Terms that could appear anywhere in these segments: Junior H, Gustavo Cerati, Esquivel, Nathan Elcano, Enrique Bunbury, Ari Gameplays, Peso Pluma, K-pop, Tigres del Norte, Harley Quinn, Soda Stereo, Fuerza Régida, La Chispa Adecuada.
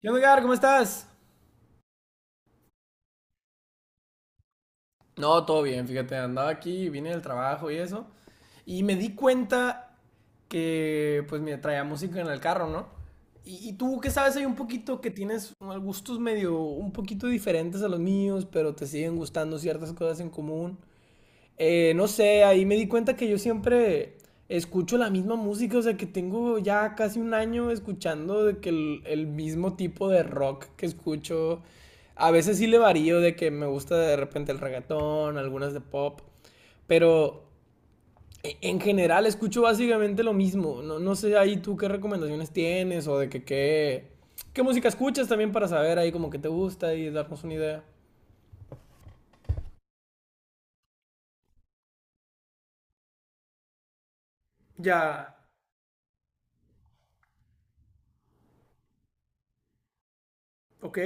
¿Qué onda, Edgar? ¿Cómo estás? No, todo bien, fíjate, andaba aquí, vine del trabajo y eso, y me di cuenta que, pues, me traía música en el carro, ¿no? Y tú, ¿qué sabes? Hay un poquito que tienes unos gustos medio, un poquito diferentes a los míos, pero te siguen gustando ciertas cosas en común. No sé, ahí me di cuenta que yo siempre escucho la misma música, o sea que tengo ya casi un año escuchando de que el mismo tipo de rock que escucho. A veces sí le varío de que me gusta de repente el reggaetón, algunas de pop, pero en general escucho básicamente lo mismo. No, no sé ahí tú qué recomendaciones tienes o de que qué música escuchas también para saber ahí como que te gusta y darnos una idea. Ya, ok.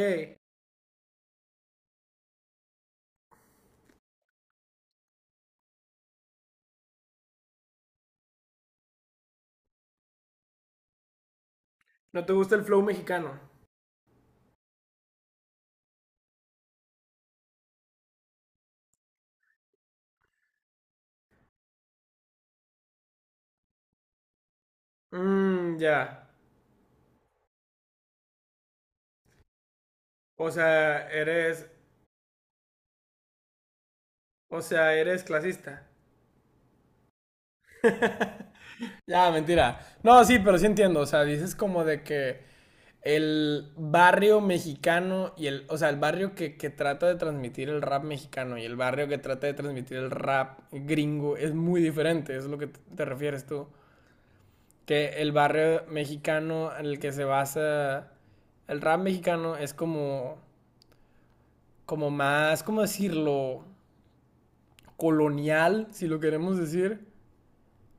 ¿No te gusta el flow mexicano? Mm, ya. O sea, eres. O sea, eres clasista. Ya, mentira. No, sí, pero sí entiendo. O sea, dices como de que el barrio mexicano y el. O sea, el barrio que trata de transmitir el rap mexicano y el barrio que trata de transmitir el rap gringo es muy diferente. Es lo que te refieres tú. Que el barrio mexicano en el que se basa. El rap mexicano es como. Como más. ¿Cómo decirlo? Colonial, si lo queremos decir.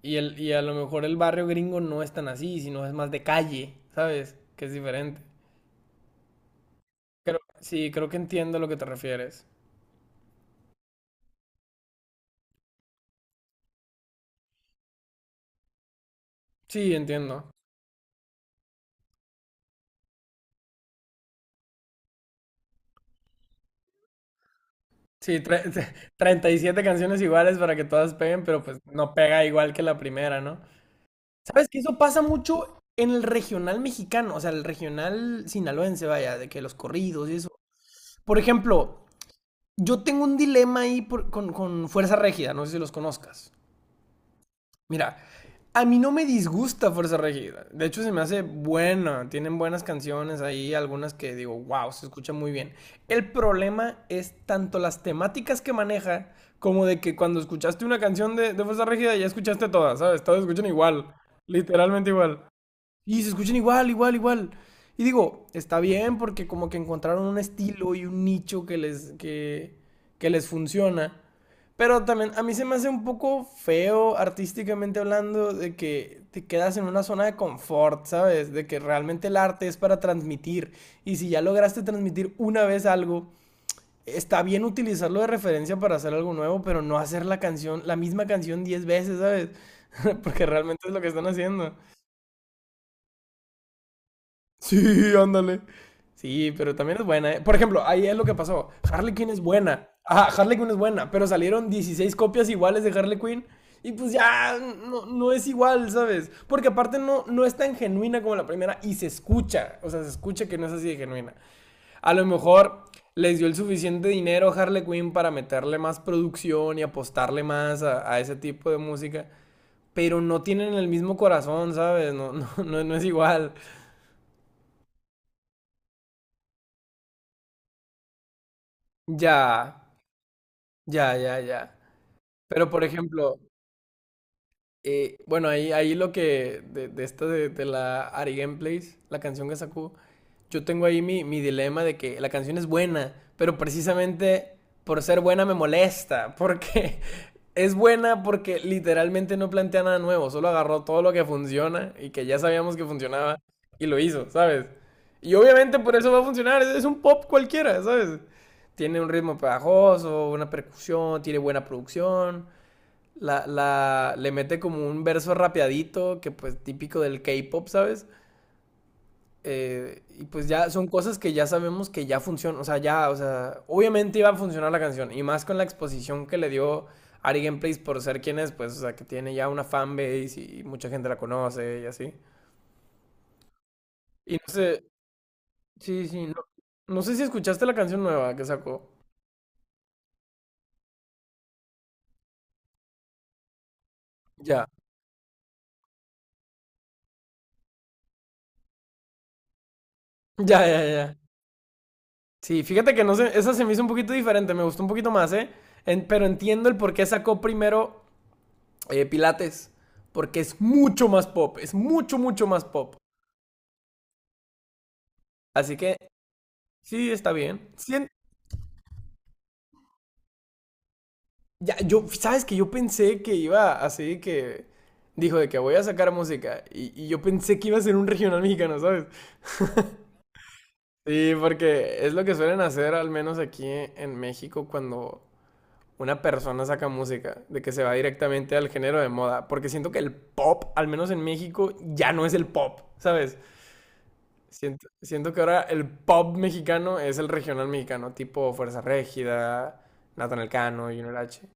Y, el, y a lo mejor el barrio gringo no es tan así, sino es más de calle, ¿sabes? Que es diferente. Sí, creo que entiendo a lo que te refieres. Sí, entiendo. Sí, 37 canciones iguales para que todas peguen, pero pues no pega igual que la primera, ¿no? ¿Sabes que eso pasa mucho en el regional mexicano? O sea, el regional sinaloense, vaya, de que los corridos y eso. Por ejemplo, yo tengo un dilema ahí con Fuerza Régida, no sé si los conozcas. Mira, a mí no me disgusta Fuerza Regida. De hecho, se me hace buena. Tienen buenas canciones ahí, algunas que digo, wow, se escucha muy bien. El problema es tanto las temáticas que maneja, como de que cuando escuchaste una canción de Fuerza Regida ya escuchaste todas, ¿sabes? Todas escuchan igual, literalmente igual. Y se escuchan igual, igual, igual. Y digo, está bien porque como que encontraron un estilo y un nicho que les funciona. Pero también a mí se me hace un poco feo artísticamente hablando de que te quedas en una zona de confort, ¿sabes? De que realmente el arte es para transmitir. Y si ya lograste transmitir una vez algo, está bien utilizarlo de referencia para hacer algo nuevo, pero no hacer la canción, la misma canción 10 veces, ¿sabes? Porque realmente es lo que están haciendo. Sí, ándale. Sí, pero también es buena, ¿eh? Por ejemplo, ahí es lo que pasó. Harley Quinn es buena. Ajá, Harley Quinn es buena, pero salieron 16 copias iguales de Harley Quinn y pues ya no, no es igual, ¿sabes? Porque aparte no, no es tan genuina como la primera y se escucha, o sea, se escucha que no es así de genuina. A lo mejor les dio el suficiente dinero a Harley Quinn para meterle más producción y apostarle más a ese tipo de música, pero no tienen el mismo corazón, ¿sabes? No, no, no, no es igual. Ya. Ya, ya, ya. Pero por ejemplo, bueno, ahí lo que de la Ari Gameplays, la canción que sacó, yo tengo ahí mi dilema de que la canción es buena, pero precisamente por ser buena me molesta, porque es buena porque literalmente no plantea nada nuevo, solo agarró todo lo que funciona y que ya sabíamos que funcionaba y lo hizo, ¿sabes? Y obviamente por eso va a funcionar, es un pop cualquiera, ¿sabes? Tiene un ritmo pegajoso, una percusión, tiene buena producción. Le mete como un verso rapeadito, que pues típico del K-pop, ¿sabes? Y pues ya son cosas que ya sabemos que ya funcionan, o sea, ya, o sea, obviamente iba a funcionar la canción, y más con la exposición que le dio Ari Gameplays por ser quien es, pues, o sea, que tiene ya una fanbase y mucha gente la conoce y así. Y no sé, sí, sí, no, no sé si escuchaste la canción nueva que sacó. Ya, ya, ya, ya. Sí, fíjate que no sé, esa se me hizo un poquito diferente, me gustó un poquito más, ¿eh? Pero entiendo el por qué sacó primero Pilates, porque es mucho más pop, es mucho, mucho más pop. Así que sí, está bien. Ya, sabes que yo pensé que iba así que dijo de que voy a sacar música y yo pensé que iba a ser un regional mexicano, ¿sabes? Sí, porque es lo que suelen hacer al menos aquí en México cuando una persona saca música, de que se va directamente al género de moda, porque siento que el pop, al menos en México, ya no es el pop, ¿sabes? Siento que ahora el pop mexicano es el regional mexicano, tipo Fuerza Régida, Nathan Elcano, Junior H.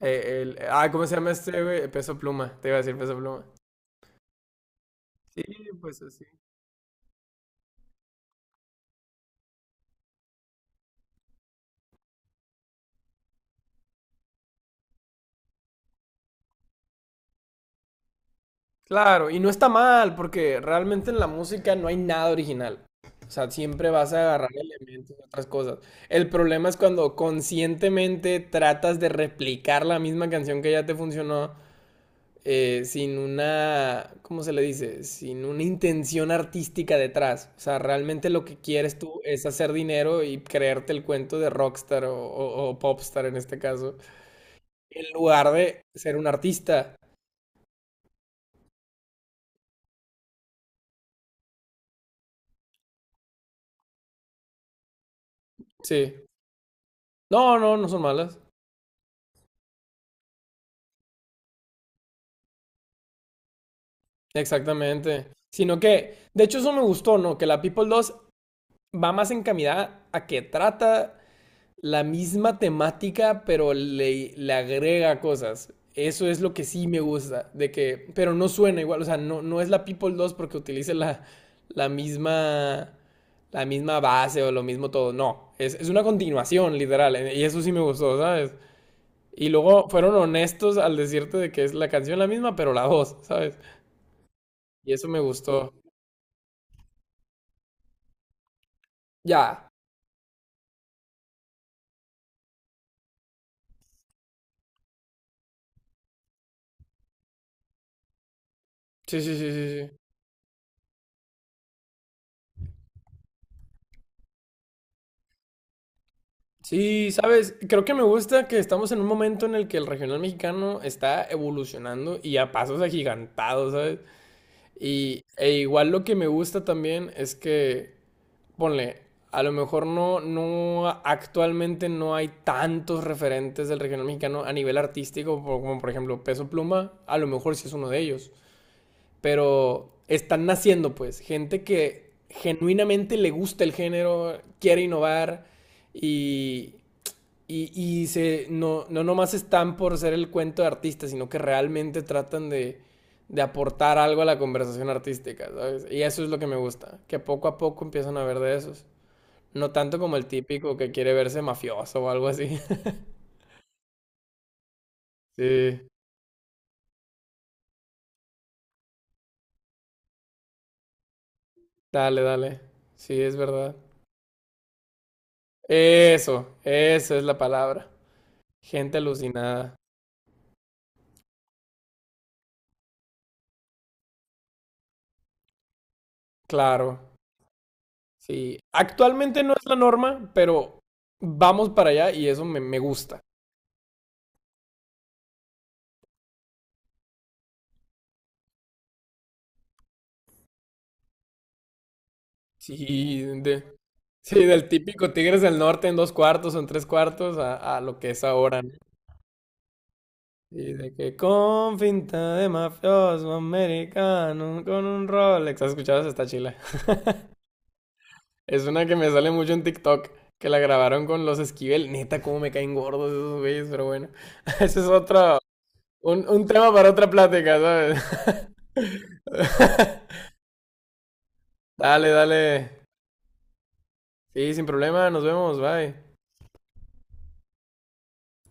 ¿Cómo se llama este, güey? Peso Pluma, te iba a decir Peso Pluma. Sí, pues así. Claro, y no está mal, porque realmente en la música no hay nada original. O sea, siempre vas a agarrar elementos de otras cosas. El problema es cuando conscientemente tratas de replicar la misma canción que ya te funcionó sin una, ¿cómo se le dice? Sin una intención artística detrás. O sea, realmente lo que quieres tú es hacer dinero y creerte el cuento de rockstar o popstar en este caso, en lugar de ser un artista. Sí. No, no, no son malas. Exactamente. Sino que, de hecho, eso me gustó, ¿no? Que la People 2 va más encaminada a que trata la misma temática, pero le agrega cosas. Eso es lo que sí me gusta, de que, pero no suena igual, o sea, no, no es la People 2 porque utilice la misma, la misma base o lo mismo todo, no, es una continuación, literal, y eso sí me gustó, ¿sabes? Y luego fueron honestos al decirte de que es la canción la misma, pero la voz, ¿sabes? Y eso me gustó. Ya, sí, sí, sí, sí, sí. Sí, sabes, creo que me gusta que estamos en un momento en el que el regional mexicano está evolucionando y a pasos agigantados, ¿sabes? Y e igual lo que me gusta también es que, ponle, a lo mejor no, no, actualmente no hay tantos referentes del regional mexicano a nivel artístico, por- como por ejemplo Peso Pluma, a lo mejor sí es uno de ellos, pero están naciendo pues, gente que genuinamente le gusta el género, quiere innovar y... Y, y se, no, no nomás están por ser el cuento de artistas sino que realmente tratan de aportar algo a la conversación artística, ¿sabes? Y eso es lo que me gusta, que poco a poco empiezan a ver de esos. No tanto como el típico que quiere verse mafioso o algo así. Sí, dale, dale. Sí, es verdad. Eso es la palabra. Gente alucinada. Claro, sí. Actualmente no es la norma, pero vamos para allá y eso me gusta. Sí, de, sí, del típico Tigres del Norte en 2/4 o en 3/4 a lo que es ahora, ¿no? Y de que con finta de mafioso americano, con un Rolex. ¿Has escuchado esta chila? Es una que me sale mucho en TikTok, que la grabaron con los Esquivel. Neta, cómo me caen gordos esos güeyes, pero bueno. Ese es otro, un tema para otra plática, ¿sabes? Dale, dale. Sí, sin problema, nos vemos, bye.